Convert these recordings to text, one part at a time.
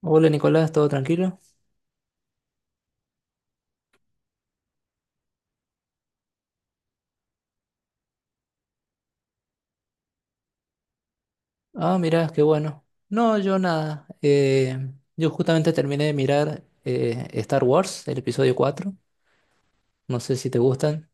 Hola Nicolás, ¿todo tranquilo? Ah, mirá, qué bueno. No, yo nada. Yo justamente terminé de mirar Star Wars, el episodio 4. No sé si te gustan.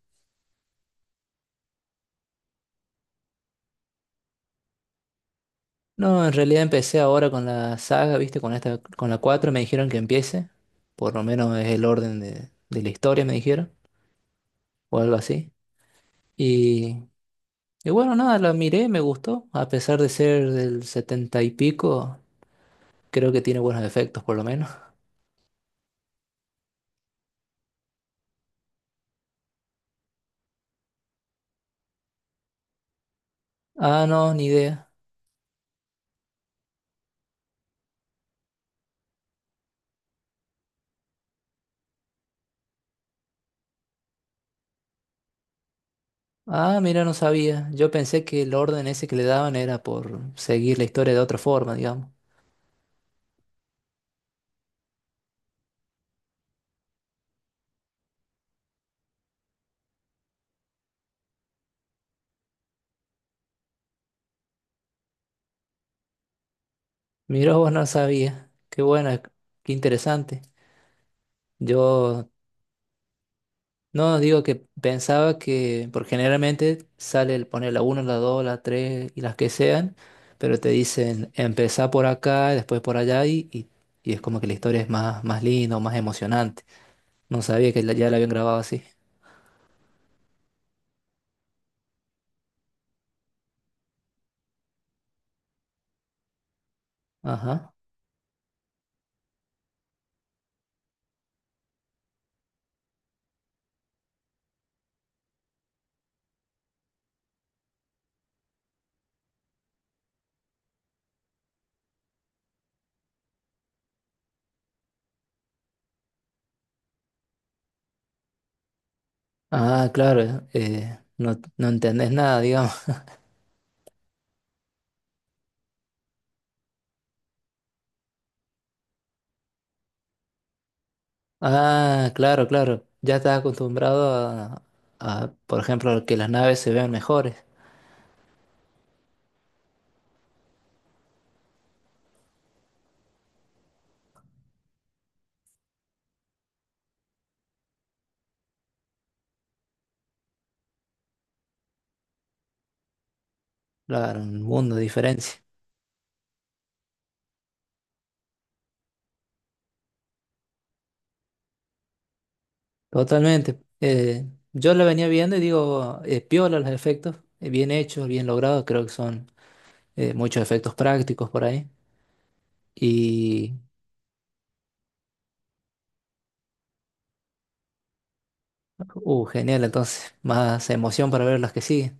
No, en realidad empecé ahora con la saga, ¿viste? Con la 4, me dijeron que empiece. Por lo menos es el orden de la historia, me dijeron, o algo así. Y, y bueno, nada, la miré, me gustó. A pesar de ser del 70 y pico, creo que tiene buenos efectos, por lo menos. Ah, no, ni idea. Ah, mira, no sabía. Yo pensé que el orden ese que le daban era por seguir la historia de otra forma, digamos. Mira, vos no sabía. Qué buena, qué interesante. Yo no digo que pensaba que, por generalmente sale el poner la uno, la 2, la 3 y las que sean, pero te dicen empezá por acá, después por allá y, y es como que la historia es más linda, o más emocionante. No sabía que ya la habían grabado así. Ajá. Ah, claro, no, no entendés nada, digamos. Ah, claro, claro. Ya estás acostumbrado a, por ejemplo, que las naves se vean mejores. Claro, un mundo de diferencia. Totalmente. Yo la venía viendo y digo, piola los efectos, bien hechos, bien logrados. Creo que son muchos efectos prácticos por ahí. Y, genial, entonces, más emoción para ver las que siguen.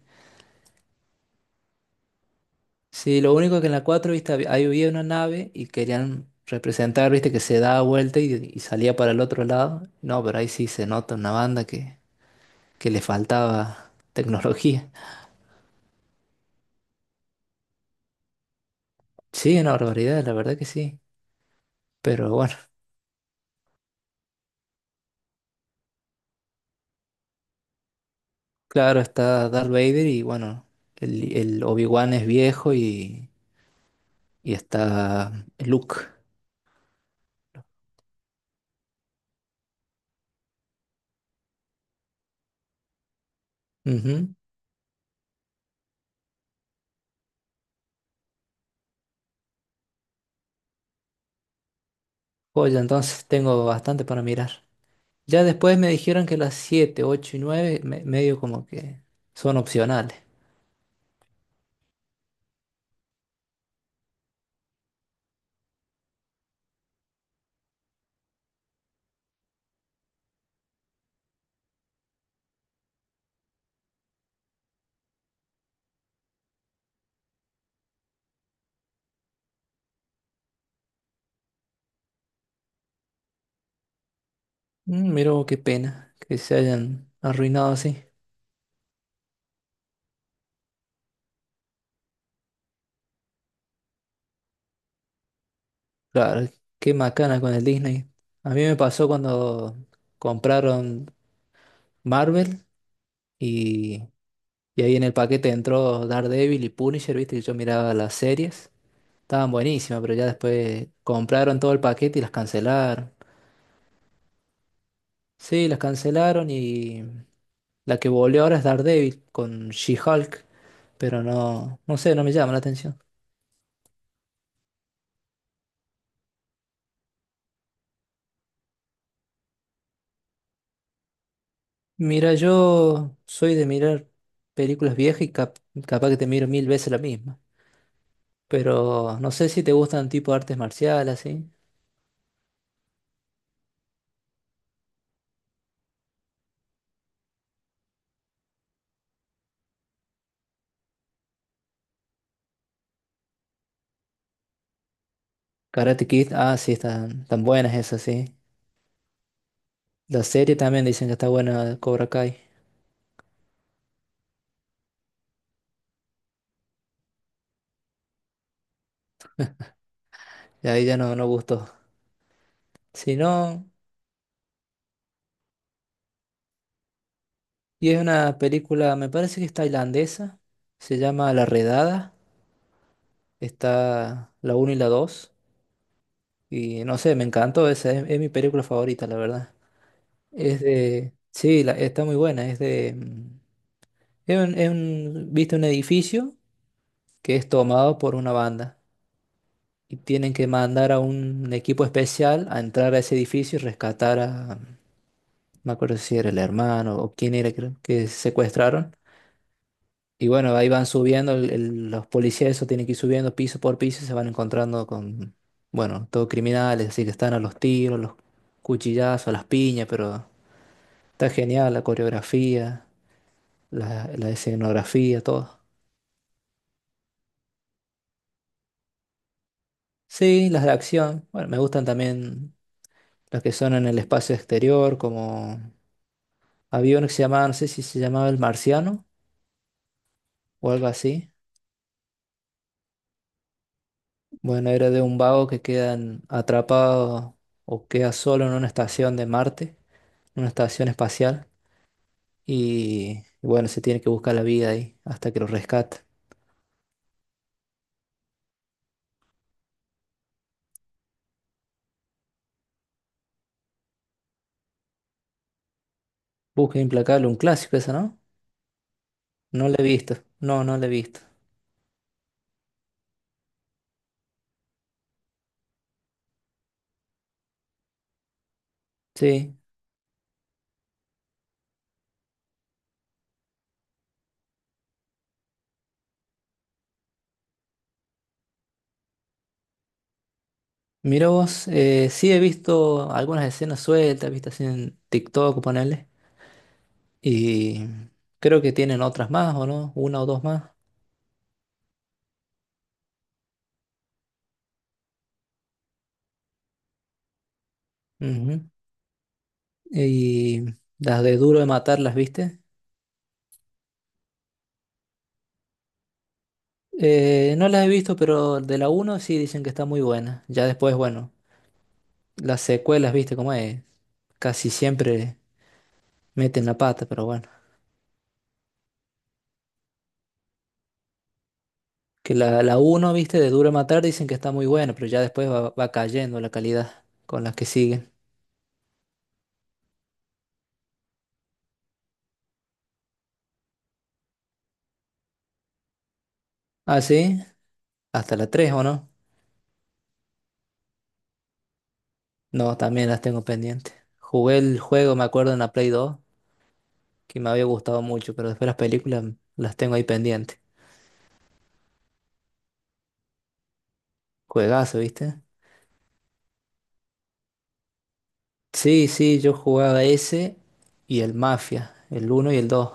Sí, lo único que en la 4 viste, ahí había una nave y querían representar, viste, que se daba vuelta y salía para el otro lado. No, pero ahí sí se nota una banda que le faltaba tecnología. Sí, una barbaridad, la verdad que sí. Pero bueno, claro, está Darth Vader y bueno, el Obi-Wan es viejo y, está Luke. Ujú. Oye, entonces tengo bastante para mirar. Ya después me dijeron que las 7, 8 y 9 medio como que son opcionales. Miro, qué pena que se hayan arruinado así. Claro, qué macana con el Disney. A mí me pasó cuando compraron Marvel y, ahí en el paquete entró Daredevil y Punisher, viste que yo miraba las series. Estaban buenísimas, pero ya después compraron todo el paquete y las cancelaron. Sí, las cancelaron y la que volvió ahora es Daredevil con She-Hulk, pero no, no sé, no me llama la atención. Mira, yo soy de mirar películas viejas y capaz que te miro mil veces la misma. Pero no sé si te gustan tipo artes marciales, ¿sí? Karate Kid, ah, sí, están tan buenas esas, sí. La serie también dicen que está buena, Cobra Kai. Y ahí ya no, no gustó. Si no, y es una película, me parece que es tailandesa. Se llama La Redada. Está la uno y la dos. Y no sé, me encantó esa, es mi película favorita, la verdad. Es de, sí, está muy buena. Es de, viste un edificio que es tomado por una banda y tienen que mandar a un equipo especial a entrar a ese edificio y rescatar a, no me acuerdo si era el hermano o quién era creo, que secuestraron. Y bueno, ahí van subiendo, los policías eso tienen que ir subiendo piso por piso y se van encontrando con, bueno, todos criminales, así que están a los tiros, los cuchillazos, a las piñas, pero está genial la coreografía. La escenografía, todo. Sí, las de acción. Bueno, me gustan también las que son en el espacio exterior, como había uno que se llamaba, no sé si se llamaba El Marciano o algo así. Bueno, era de un vago que queda atrapado o queda solo en una estación de Marte, una estación espacial, y, bueno, se tiene que buscar la vida ahí hasta que lo rescate. Busca Implacable, un clásico esa, ¿no? No la he visto. No, no la he visto. Sí. Mira vos, sí he visto algunas escenas sueltas, vistas así en TikTok, ponele, y creo que tienen otras más, ¿o no? Una o dos más. Ujú. Y las de Duro de Matar, ¿las viste? No las he visto, pero de la uno sí dicen que está muy buena. Ya después, bueno, las secuelas, ¿viste? Como es, casi siempre meten la pata, pero bueno. Que la uno, ¿viste? De Duro de Matar dicen que está muy buena, pero ya después va, cayendo la calidad con las que siguen. Ah, sí, hasta la 3, ¿o no? No, también las tengo pendientes. Jugué el juego, me acuerdo, en la Play 2 que me había gustado mucho, pero después las películas las tengo ahí pendientes. Juegazo, ¿viste? Sí, sí, yo jugaba ese y el Mafia, el uno y el dos.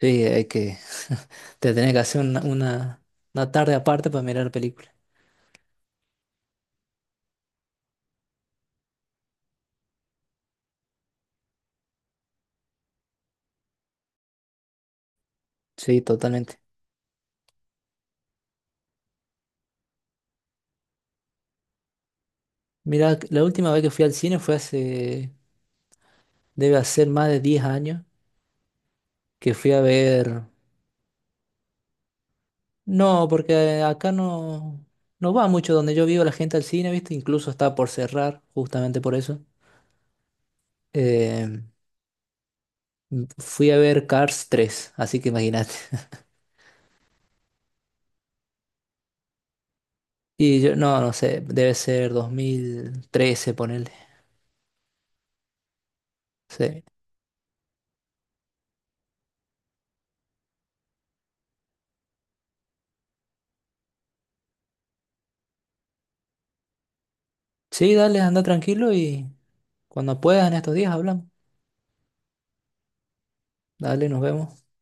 Sí, hay que... Te tenés que hacer una, una tarde aparte para mirar películas. Sí, totalmente. Mira, la última vez que fui al cine fue hace... Debe hacer más de 10 años que fui a ver. No, porque acá no, no va mucho donde yo vivo la gente al cine, ¿viste? Incluso está por cerrar, justamente por eso. Eh, Fui a ver Cars 3, así que imagínate. Y yo, no, no sé, debe ser 2013 ponele. Sí. Sí, dale, anda tranquilo y cuando puedas en estos días hablamos. Dale, nos vemos.